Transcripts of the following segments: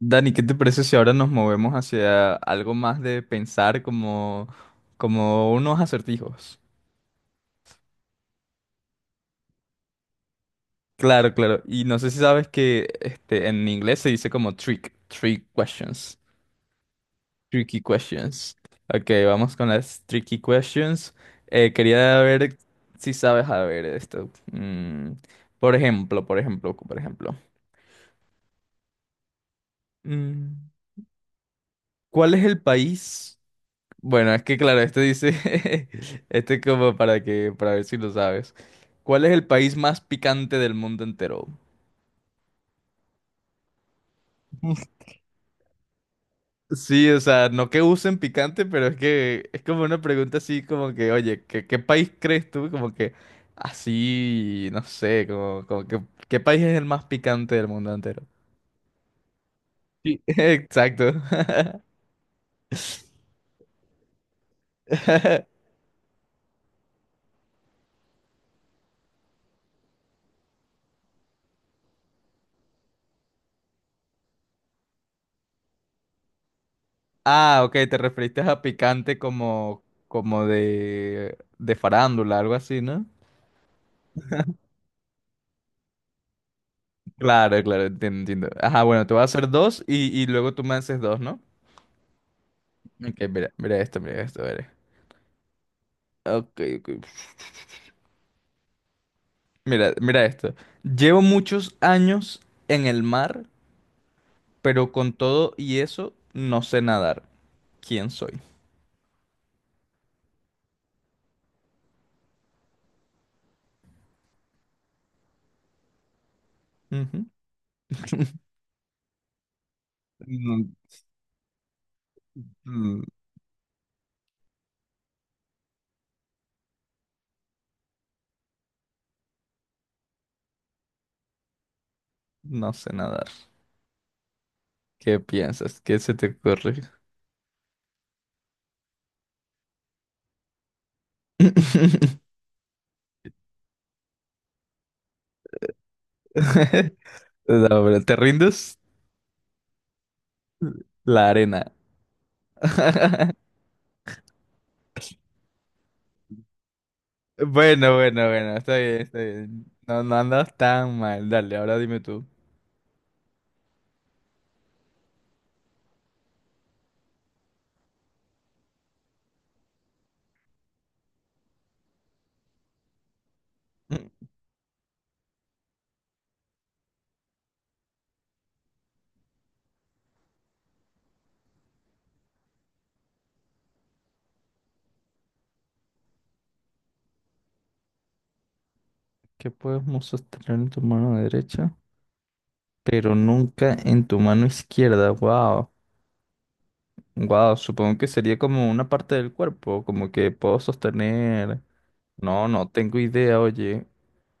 Dani, ¿qué te parece si ahora nos movemos hacia algo más de pensar como unos acertijos? Claro, claro. Y no sé si sabes que en inglés se dice como trick questions, tricky questions. Ok, vamos con las tricky questions. Quería ver si sabes, a ver, esto. Por ejemplo. Mm, ¿Cuál es el país? Bueno, es que claro, dice, como para ver si lo sabes. ¿Cuál es el país más picante del mundo entero? Sí, o sea, no que usen picante, pero es que es como una pregunta así como que, oye, ¿qué país crees tú? Como que así, no sé, como que, ¿qué país es el más picante del mundo entero? Sí. Exacto. Ah, ok, te referiste a picante como, de farándula, algo así, ¿no? Claro, claro, entiendo, entiendo. Ajá, bueno, te voy a hacer dos y luego tú me haces dos, ¿no? Ok, mira, mira esto, a ver. Ok, ok. Mira, mira esto. Llevo muchos años en el mar, pero con todo y eso no sé nadar. ¿Quién soy? Ujú. Mm, mm, No sé nadar. ¿Qué piensas? ¿Qué se te ocurre? No, pero ¿te rindes? La arena. Bueno, bueno, bueno, está bien, está bien. No, no andas tan mal. Dale, ahora dime tú. ¿Qué podemos sostener en tu mano derecha? Pero nunca en tu mano izquierda. Wow. Wow, supongo que sería como una parte del cuerpo, como que puedo sostener. No, no tengo idea, oye.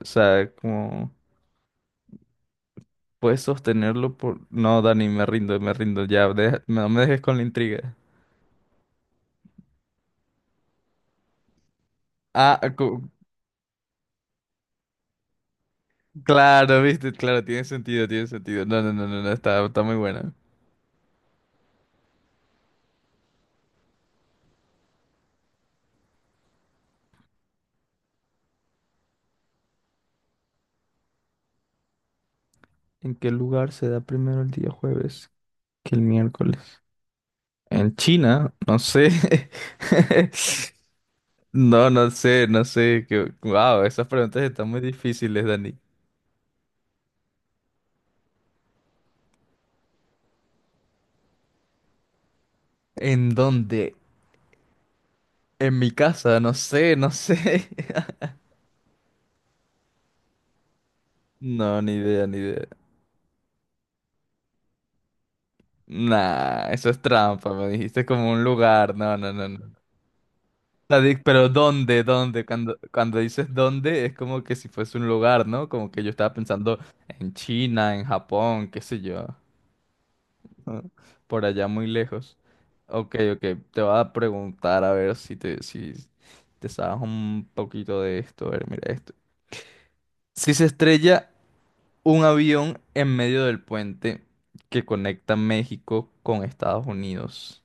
O sea, como puedes sostenerlo por. No, Dani, me rindo, me rindo. Ya, no me dejes con la intriga. Ah, claro, viste, claro, tiene sentido, tiene sentido. No, no, no, no, no, está muy buena. ¿En qué lugar se da primero el día jueves que el miércoles? En China, no sé. No, no sé, no sé. Que, wow, esas preguntas están muy difíciles, Dani. ¿En dónde? ¿En mi casa? No sé, no sé. No, ni idea, ni idea. Nah, eso es trampa, me dijiste como un lugar. No, no, no, no. Pero ¿dónde? ¿Dónde? Cuando dices dónde, es como que si fuese un lugar, ¿no? Como que yo estaba pensando en China, en Japón, qué sé yo. ¿no? Por allá muy lejos. Ok, ok. Te voy a preguntar a ver si te sabes un poquito de esto. A ver, mira esto. Si se estrella un avión en medio del puente que conecta México con Estados Unidos,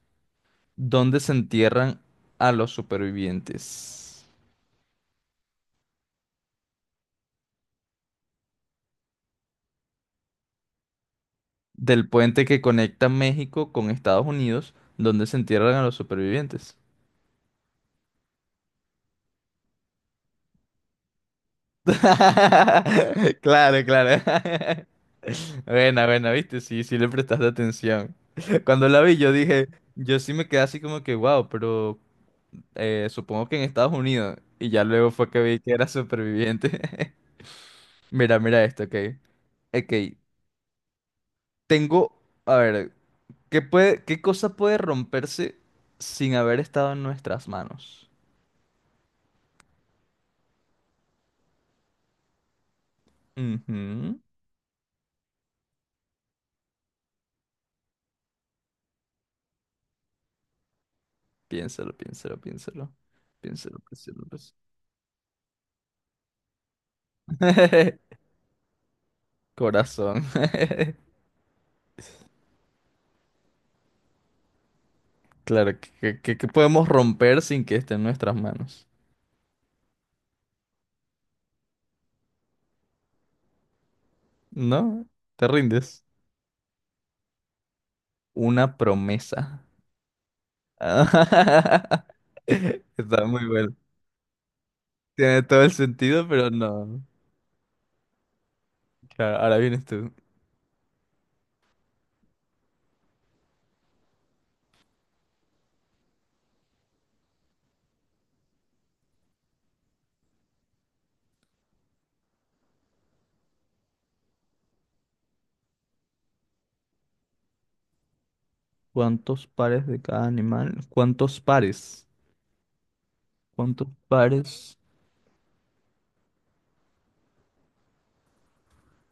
¿dónde se entierran a los supervivientes? Del puente que conecta México con Estados Unidos, donde se entierran a los supervivientes. Claro, claro. Buena, buena, viste, sí, sí le prestaste atención. Cuando la vi, yo sí me quedé así como que, wow, pero supongo que en Estados Unidos. Y ya luego fue que vi que era superviviente. Mira, mira esto, ok. Ok, tengo, a ver, ¿qué cosa puede romperse sin haber estado en nuestras manos? Ujú. Piénsalo, piénsalo, piénsalo. Piénsalo, piénsalo, piénsalo. Corazón. Claro, que podemos romper sin que esté en nuestras manos. ¿No? ¿Te rindes? Una promesa. Está muy bueno. Tiene todo el sentido, pero no. Claro, ahora vienes tú. ¿Cuántos pares de cada animal? ¿Cuántos pares? ¿Cuántos pares?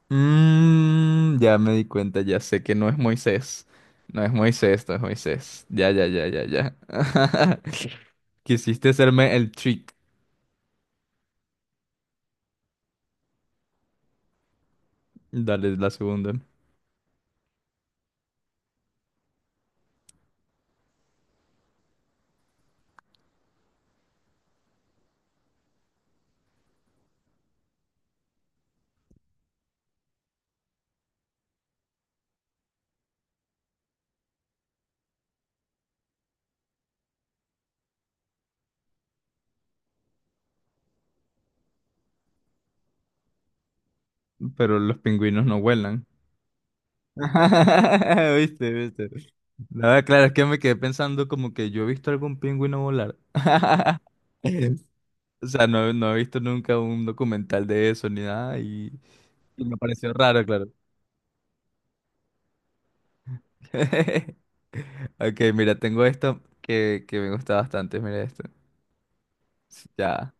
Ya me di cuenta, ya sé que no es Moisés. No es Moisés, no es Moisés. Ya, ya, ya, ya, ya. Quisiste hacerme el trick. Dale la segunda. Pero los pingüinos no vuelan. ¿Viste, viste? Nada, claro, es que me quedé pensando como que yo he visto algún pingüino volar. O sea, no, no he visto nunca un documental de eso ni nada y me pareció raro, claro. Ok, mira, tengo esto que me gusta bastante. Mira esto. Ya,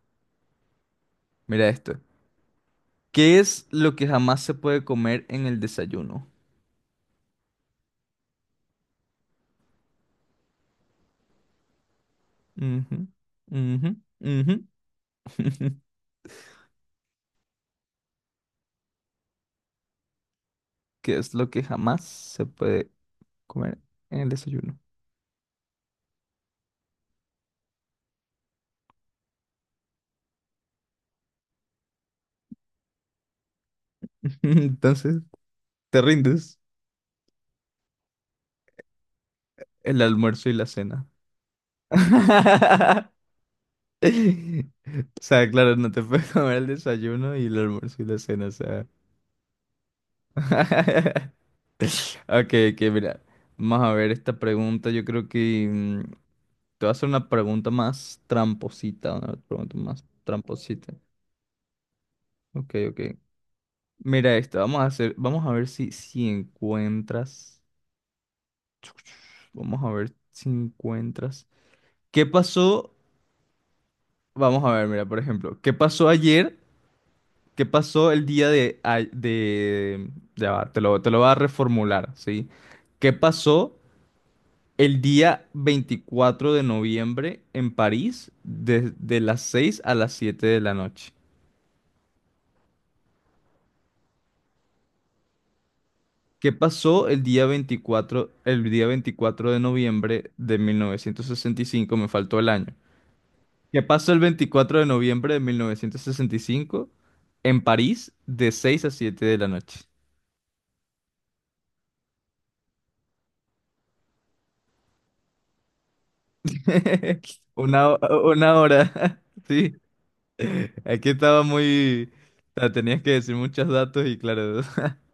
mira esto. ¿Qué es lo que jamás se puede comer en el desayuno? Ujú, ujú, ujú. ¿Qué es lo que jamás se puede comer en el desayuno? Entonces, te rindes el almuerzo y la cena. O sea, claro, no te puedes comer el desayuno y el almuerzo y la cena, o sea. Ok, ok, mira. Vamos a ver esta pregunta. Yo creo que te voy a hacer una pregunta más tramposita. Una pregunta más tramposita. Ok, ok. Mira esta. Vamos a ver si encuentras. Vamos a ver si encuentras. ¿Qué pasó? Vamos a ver, mira, por ejemplo. ¿Qué pasó ayer? ¿Qué pasó el día de... de... Ya va, te lo voy a reformular, ¿sí? ¿Qué pasó? El día 24 de noviembre en París, desde las 6 a las 7 de la noche. ¿Qué pasó el día 24? El día 24 de noviembre de 1965. Me faltó el año. ¿Qué pasó el 24 de noviembre de 1965 en París de 6 a 7 de la noche? Una hora. Sí. Aquí estaba muy... o sea, tenías que decir muchos datos y claro.